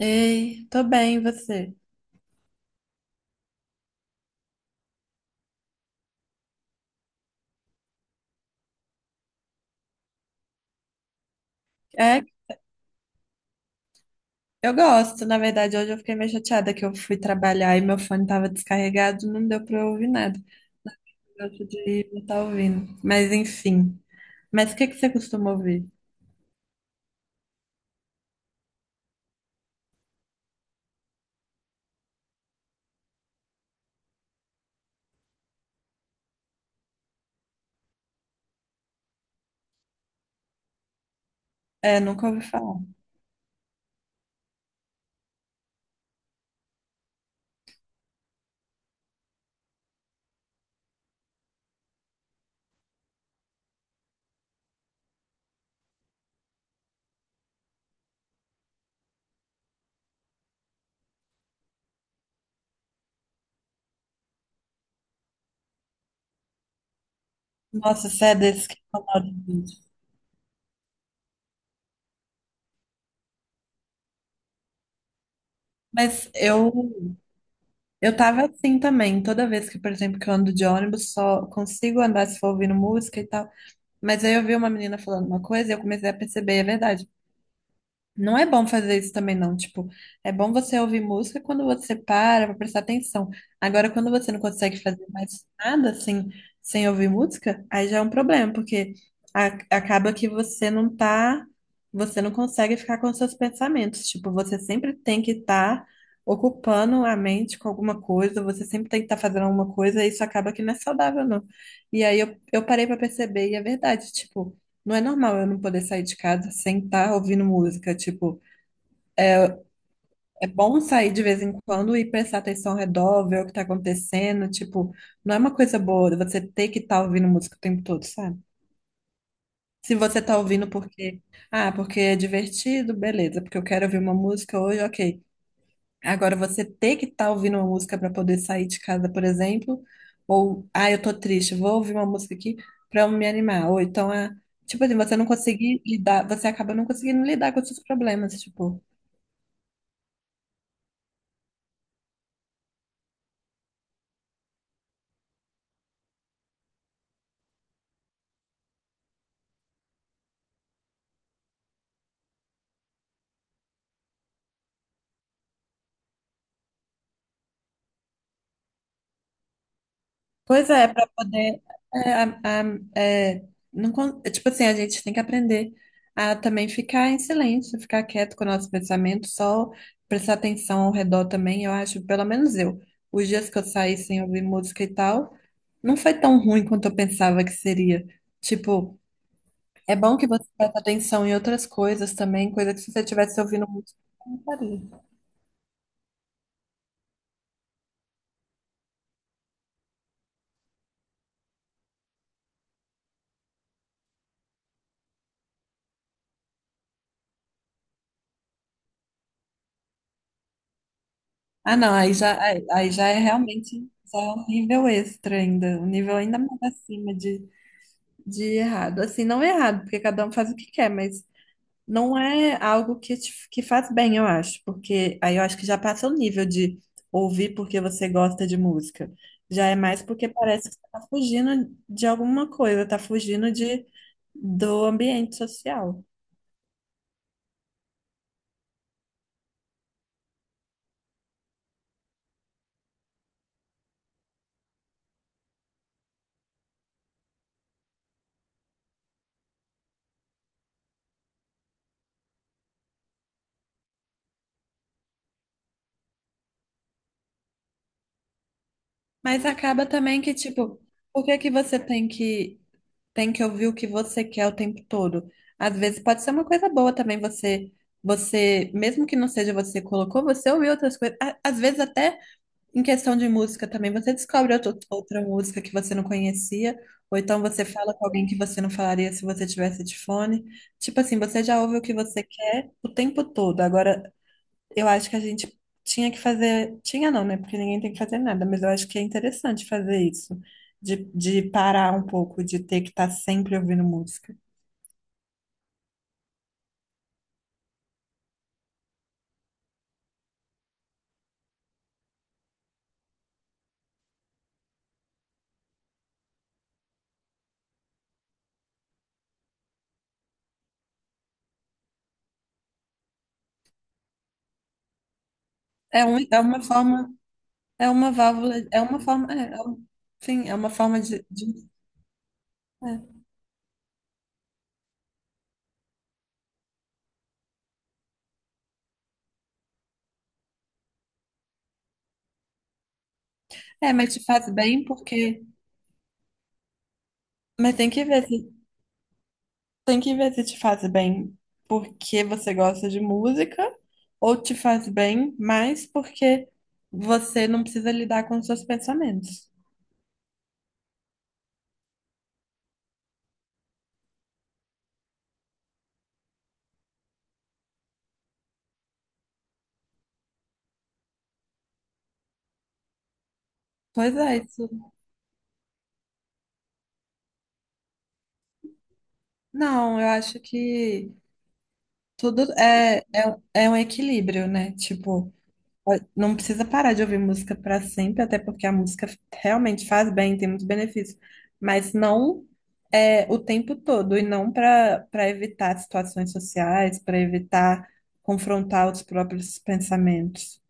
Ei, tô bem, e você? É, eu gosto. Na verdade, hoje eu fiquei meio chateada que eu fui trabalhar e meu fone tava descarregado, não deu pra eu ouvir nada. Eu gosto de não tá ouvindo. Mas enfim. Mas o que que você costuma ouvir? É, nunca ouvi falar. Nossa, você é desse que canal de vídeo. Mas eu tava assim também, toda vez que, por exemplo, que eu ando de ônibus, só consigo andar se for ouvindo música e tal. Mas aí eu vi uma menina falando uma coisa e eu comecei a perceber, é verdade. Não é bom fazer isso também, não. Tipo, é bom você ouvir música quando você para pra prestar atenção. Agora, quando você não consegue fazer mais nada assim, sem ouvir música, aí já é um problema, porque acaba que você não tá, você não consegue ficar com seus pensamentos. Tipo, você sempre tem que estar ocupando a mente com alguma coisa, você sempre tem que estar fazendo alguma coisa, e isso acaba que não é saudável, não. E aí eu parei pra perceber, e é verdade, tipo. Não é normal eu não poder sair de casa sem estar ouvindo música. Tipo, é bom sair de vez em quando e prestar atenção ao redor, ver o que tá acontecendo. Tipo, não é uma coisa boa você ter que estar ouvindo música o tempo todo, sabe? Se você tá ouvindo porque, ah, porque é divertido, beleza, porque eu quero ouvir uma música hoje, ok. Agora, você ter que estar ouvindo uma música para poder sair de casa, por exemplo, ou, ah, eu tô triste, vou ouvir uma música aqui para me animar. Ou então, ah, tipo assim, você não conseguir lidar, você acaba não conseguindo lidar com os seus problemas, tipo. Pois é, para poder. É, é, não, é, tipo assim, a gente tem que aprender a também ficar em silêncio, ficar quieto com o nosso pensamento, só prestar atenção ao redor também. Eu acho, pelo menos eu, os dias que eu saí sem ouvir música e tal, não foi tão ruim quanto eu pensava que seria. Tipo, é bom que você presta atenção em outras coisas também, coisa que se você tivesse ouvindo música, você não faria. Ah, não, aí já é realmente já é um nível extra ainda, um nível ainda mais acima de errado. Assim, não é errado, porque cada um faz o que quer, mas não é algo que, que faz bem, eu acho. Porque aí eu acho que já passa o nível de ouvir porque você gosta de música. Já é mais porque parece que você tá fugindo de alguma coisa, tá fugindo de, do ambiente social. Mas acaba também que, tipo, por que que você tem que ouvir o que você quer o tempo todo? Às vezes pode ser uma coisa boa também você, mesmo que não seja você que colocou, você ouviu outras coisas. A- Às vezes até em questão de música também, você descobre outra música que você não conhecia, ou então você fala com alguém que você não falaria se você tivesse de fone. Tipo assim, você já ouve o que você quer o tempo todo. Agora eu acho que a gente tinha que fazer. Tinha não, né? Porque ninguém tem que fazer nada, mas eu acho que é interessante fazer isso, de parar um pouco, de ter que estar sempre ouvindo música. É uma forma, é uma válvula, é uma forma, sim, é uma forma é. É, mas te faz bem porque. Mas tem que ver se, tem que ver se te faz bem porque você gosta de música, ou te faz bem mais porque você não precisa lidar com os seus pensamentos. Pois é, isso. Não, eu acho que tudo um, é um equilíbrio, né? Tipo, ó, não precisa parar de ouvir música para sempre, até porque a música realmente faz bem, tem muitos benefícios, mas não é o tempo todo, e não para para evitar situações sociais, para evitar confrontar os próprios pensamentos.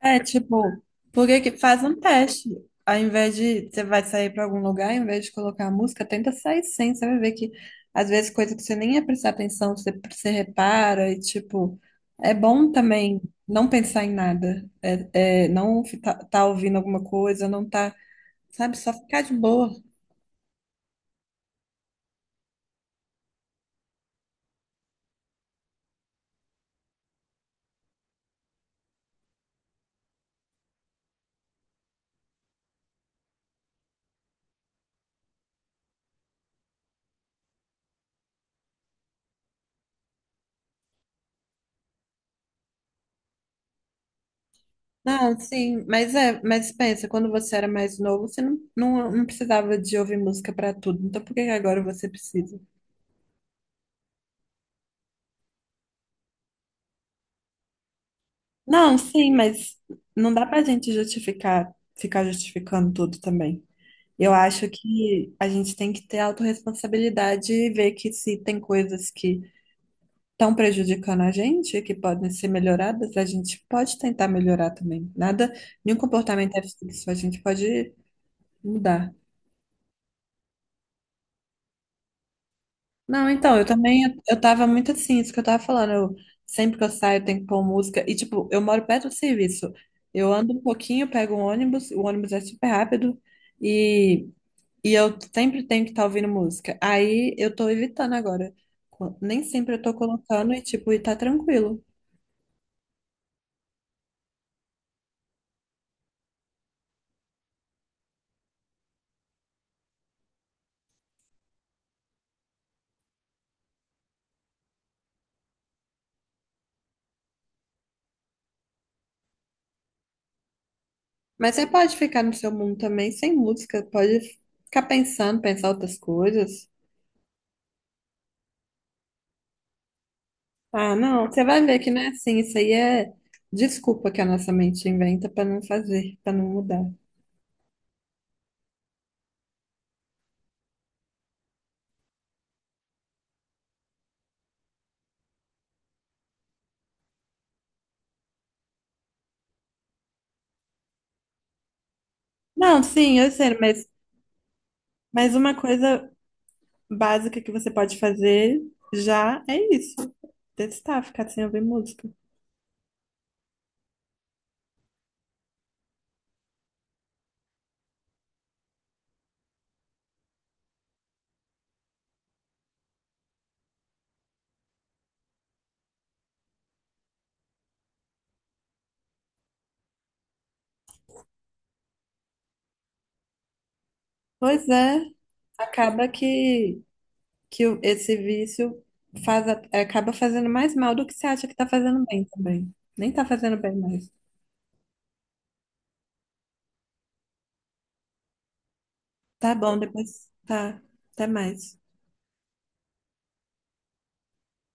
É, tipo, porque que faz um teste. Ao invés de você vai sair pra algum lugar, ao invés de colocar a música, tenta sair sem. Você vai ver que às vezes coisa que você nem ia prestar atenção, você repara e tipo, é bom também não pensar em nada. Não tá, tá ouvindo alguma coisa, não tá, sabe, só ficar de boa. Não, sim, mas é, mas pensa, quando você era mais novo, você não precisava de ouvir música pra tudo. Então por que que agora você precisa? Não, sim, mas não dá pra gente justificar, ficar justificando tudo também. Eu acho que a gente tem que ter autorresponsabilidade e ver que se tem coisas que estão prejudicando a gente, que podem ser melhoradas, a gente pode tentar melhorar também. Nada, nenhum comportamento é fixo, a gente pode mudar. Não, então, eu também, eu tava muito assim, isso que eu tava falando, eu, sempre que eu saio eu tenho que pôr música, e tipo, eu moro perto do serviço, eu ando um pouquinho, pego um ônibus, o ônibus é super rápido, e, e eu sempre tenho que estar ouvindo música, aí eu tô evitando agora, nem sempre eu tô colocando, e tipo, e tá tranquilo, mas você pode ficar no seu mundo também, sem música, pode ficar pensando, pensar outras coisas. Ah, não, você vai ver que não é assim. Isso aí é desculpa que a nossa mente inventa para não fazer, para não mudar. Não, sim, eu sei, mas uma coisa básica que você pode fazer já é isso. Testar, ficar sem ouvir música. Pois é, acaba que esse vício faz, acaba fazendo mais mal do que você acha que tá fazendo bem também. Nem tá fazendo bem mais. Tá bom, depois tá. Até mais.